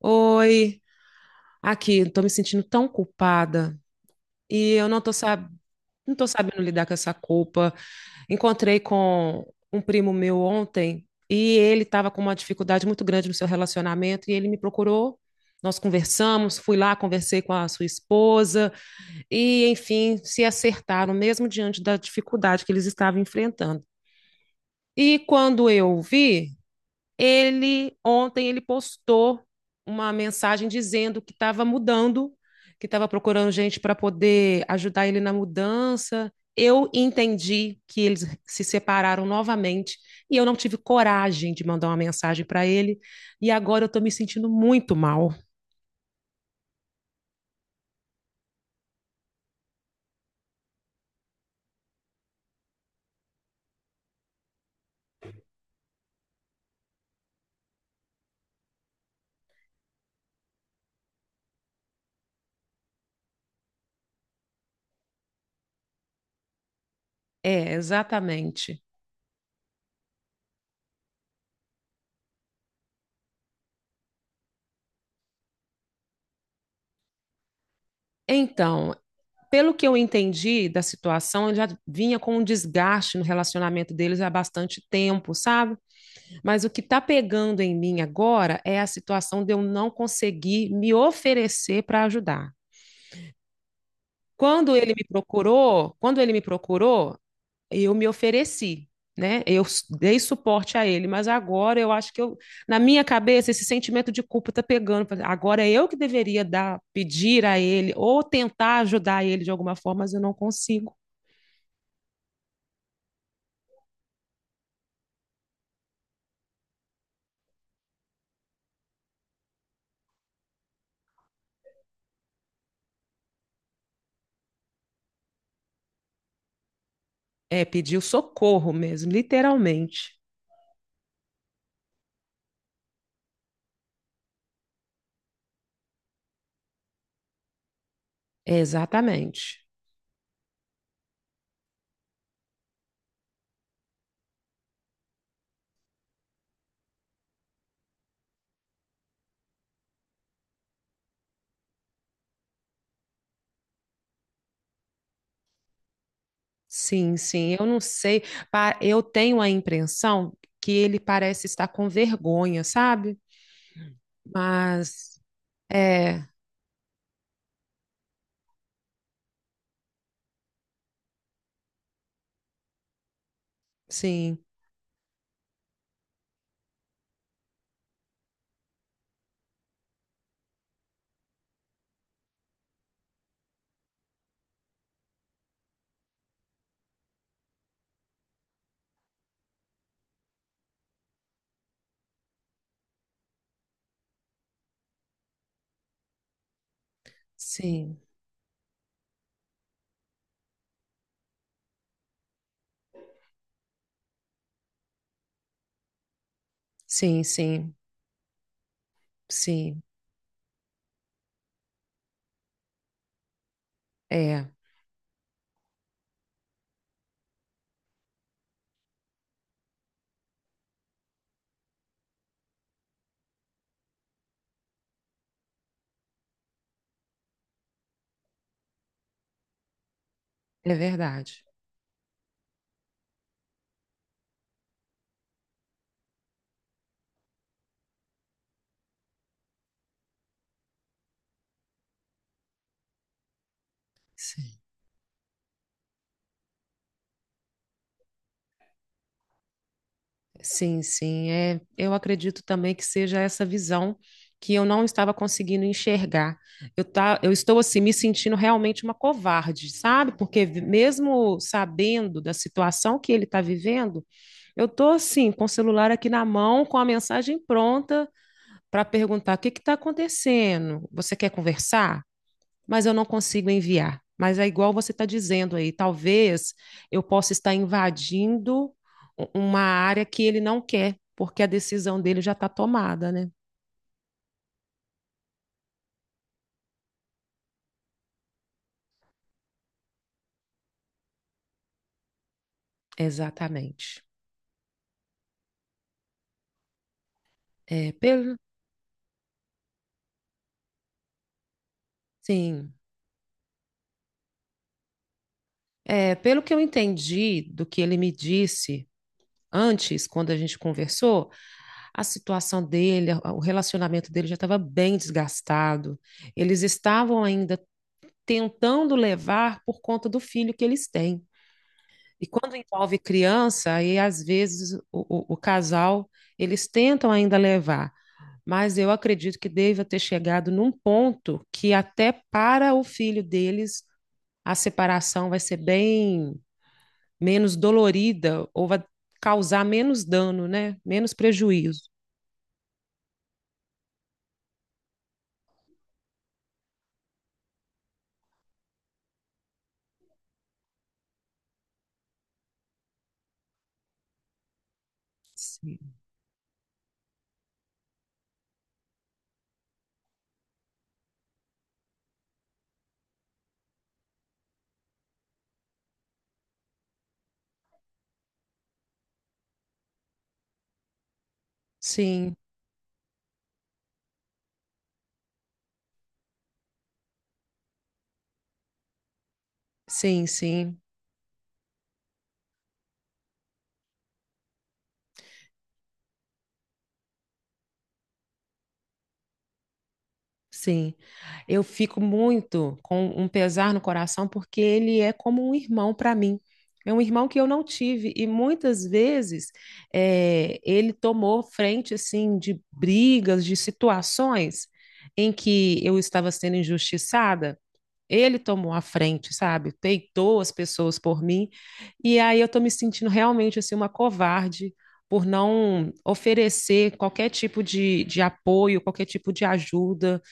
Oi, aqui, estou me sentindo tão culpada e eu não tô sabendo lidar com essa culpa. Encontrei com um primo meu ontem e ele estava com uma dificuldade muito grande no seu relacionamento e ele me procurou. Nós conversamos, fui lá, conversei com a sua esposa e, enfim, se acertaram mesmo diante da dificuldade que eles estavam enfrentando. E quando eu vi, ele ontem ele postou uma mensagem dizendo que estava mudando, que estava procurando gente para poder ajudar ele na mudança. Eu entendi que eles se separaram novamente e eu não tive coragem de mandar uma mensagem para ele e agora eu estou me sentindo muito mal. É, exatamente. Então, pelo que eu entendi da situação, ele já vinha com um desgaste no relacionamento deles há bastante tempo, sabe? Mas o que está pegando em mim agora é a situação de eu não conseguir me oferecer para ajudar. Quando ele me procurou, eu me ofereci, né? Dei suporte a ele, mas agora eu acho que eu, na minha cabeça, esse sentimento de culpa está pegando. Falei, agora é eu que deveria dar, pedir a ele ou tentar ajudar ele de alguma forma, mas eu não consigo. É, pediu socorro mesmo, literalmente. Exatamente. Sim, sim, eu não sei. Eu tenho a impressão que ele parece estar com vergonha, sabe? Mas é, sim, sim, sim, sim, sim, é, é verdade. Sim. Sim, sim, é, eu acredito também que seja essa visão que eu não estava conseguindo enxergar. Eu, tá, eu estou assim me sentindo realmente uma covarde, sabe? Mesmo sabendo da situação que ele está vivendo, eu estou assim com o celular aqui na mão, com a mensagem pronta para perguntar o que que está acontecendo. Você quer conversar? Mas eu não consigo enviar. Mas é igual você está dizendo aí, talvez eu possa estar invadindo uma área que ele não quer, porque a decisão dele já está tomada, né? Exatamente. É, pelo, sim. É, pelo que eu entendi do que ele me disse antes, quando a gente conversou, a situação dele, o relacionamento dele já estava bem desgastado. Eles estavam ainda tentando levar por conta do filho que eles têm. E quando envolve criança, aí às vezes o casal, eles tentam ainda levar, mas eu acredito que deva ter chegado num ponto que até para o filho deles a separação vai ser bem menos dolorida ou vai causar menos dano, né? Menos prejuízo. Sim, sim, sim. Sim. Sim, eu fico muito com um pesar no coração porque ele é como um irmão para mim. É um irmão que eu não tive e muitas vezes ele tomou frente assim de brigas, de situações em que eu estava sendo injustiçada. Ele tomou a frente, sabe? Peitou as pessoas por mim e aí eu estou me sentindo realmente assim uma covarde por não oferecer qualquer tipo de apoio, qualquer tipo de ajuda.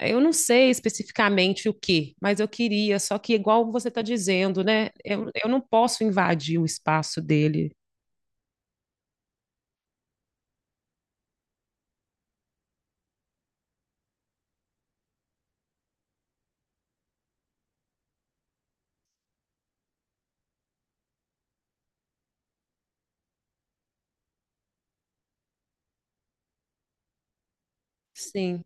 Eu não sei especificamente o que, mas eu queria, só que igual você está dizendo, né? Eu não posso invadir o espaço dele. Sim,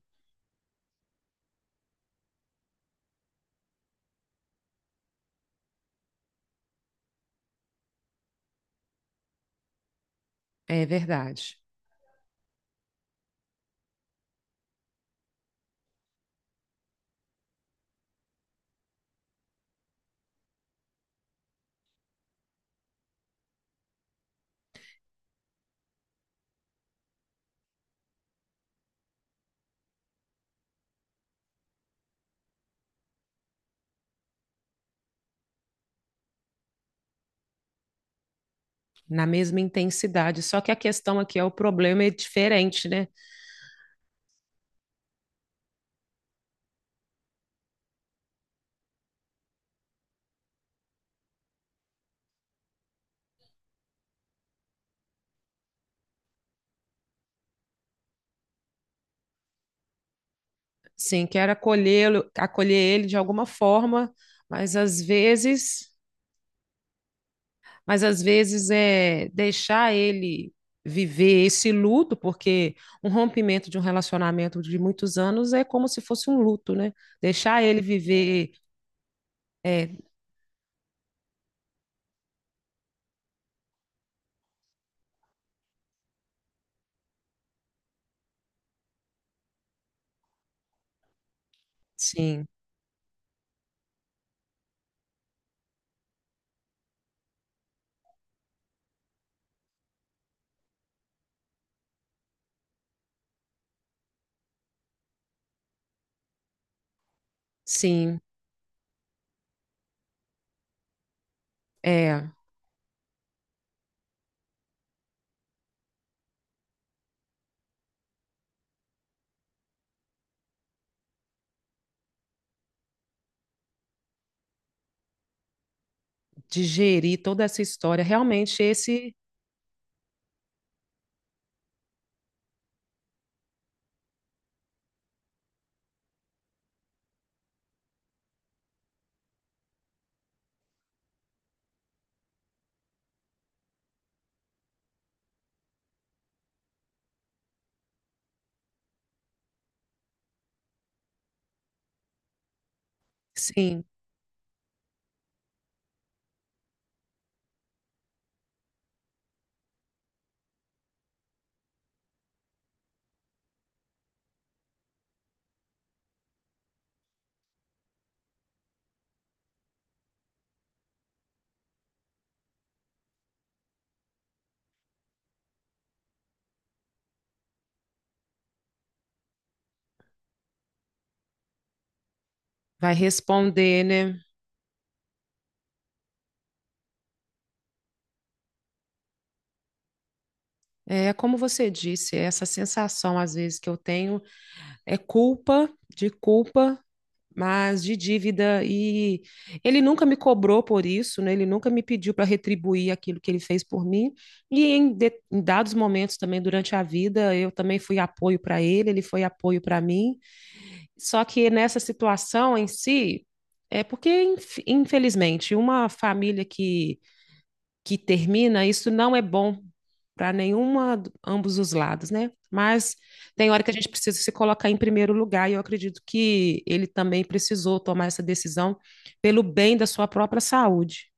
é verdade. Na mesma intensidade. Só que a questão aqui é o problema é diferente, né? Sim, quero acolhê-lo, acolher ele de alguma forma, mas às vezes mas às vezes é deixar ele viver esse luto, porque um rompimento de um relacionamento de muitos anos é como se fosse um luto, né? Deixar ele viver, é, sim, sim, é, digerir toda essa história. Realmente esse, sim, vai responder, né? É como você disse, essa sensação às vezes que eu tenho é culpa, de culpa, mas de dívida e ele nunca me cobrou por isso, né? Ele nunca me pediu para retribuir aquilo que ele fez por mim. E em, em dados momentos também durante a vida, eu também fui apoio para ele, ele foi apoio para mim. Só que nessa situação em si, é porque infelizmente uma família que termina, isso não é bom para nenhuma, ambos os lados, né? Mas tem hora que a gente precisa se colocar em primeiro lugar, e eu acredito que ele também precisou tomar essa decisão pelo bem da sua própria saúde.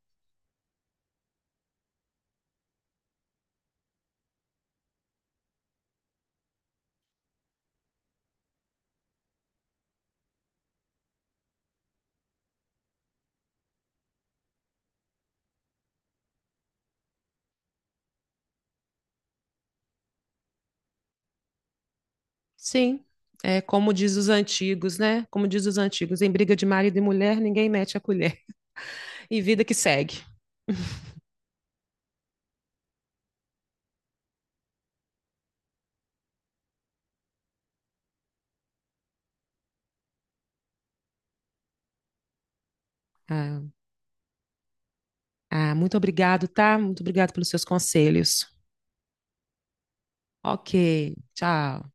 Sim, é como diz os antigos, né? Como diz os antigos, em briga de marido e mulher, ninguém mete a colher. E vida que segue. Ah, ah, muito obrigado, tá? Muito obrigado pelos seus conselhos. Ok, tchau.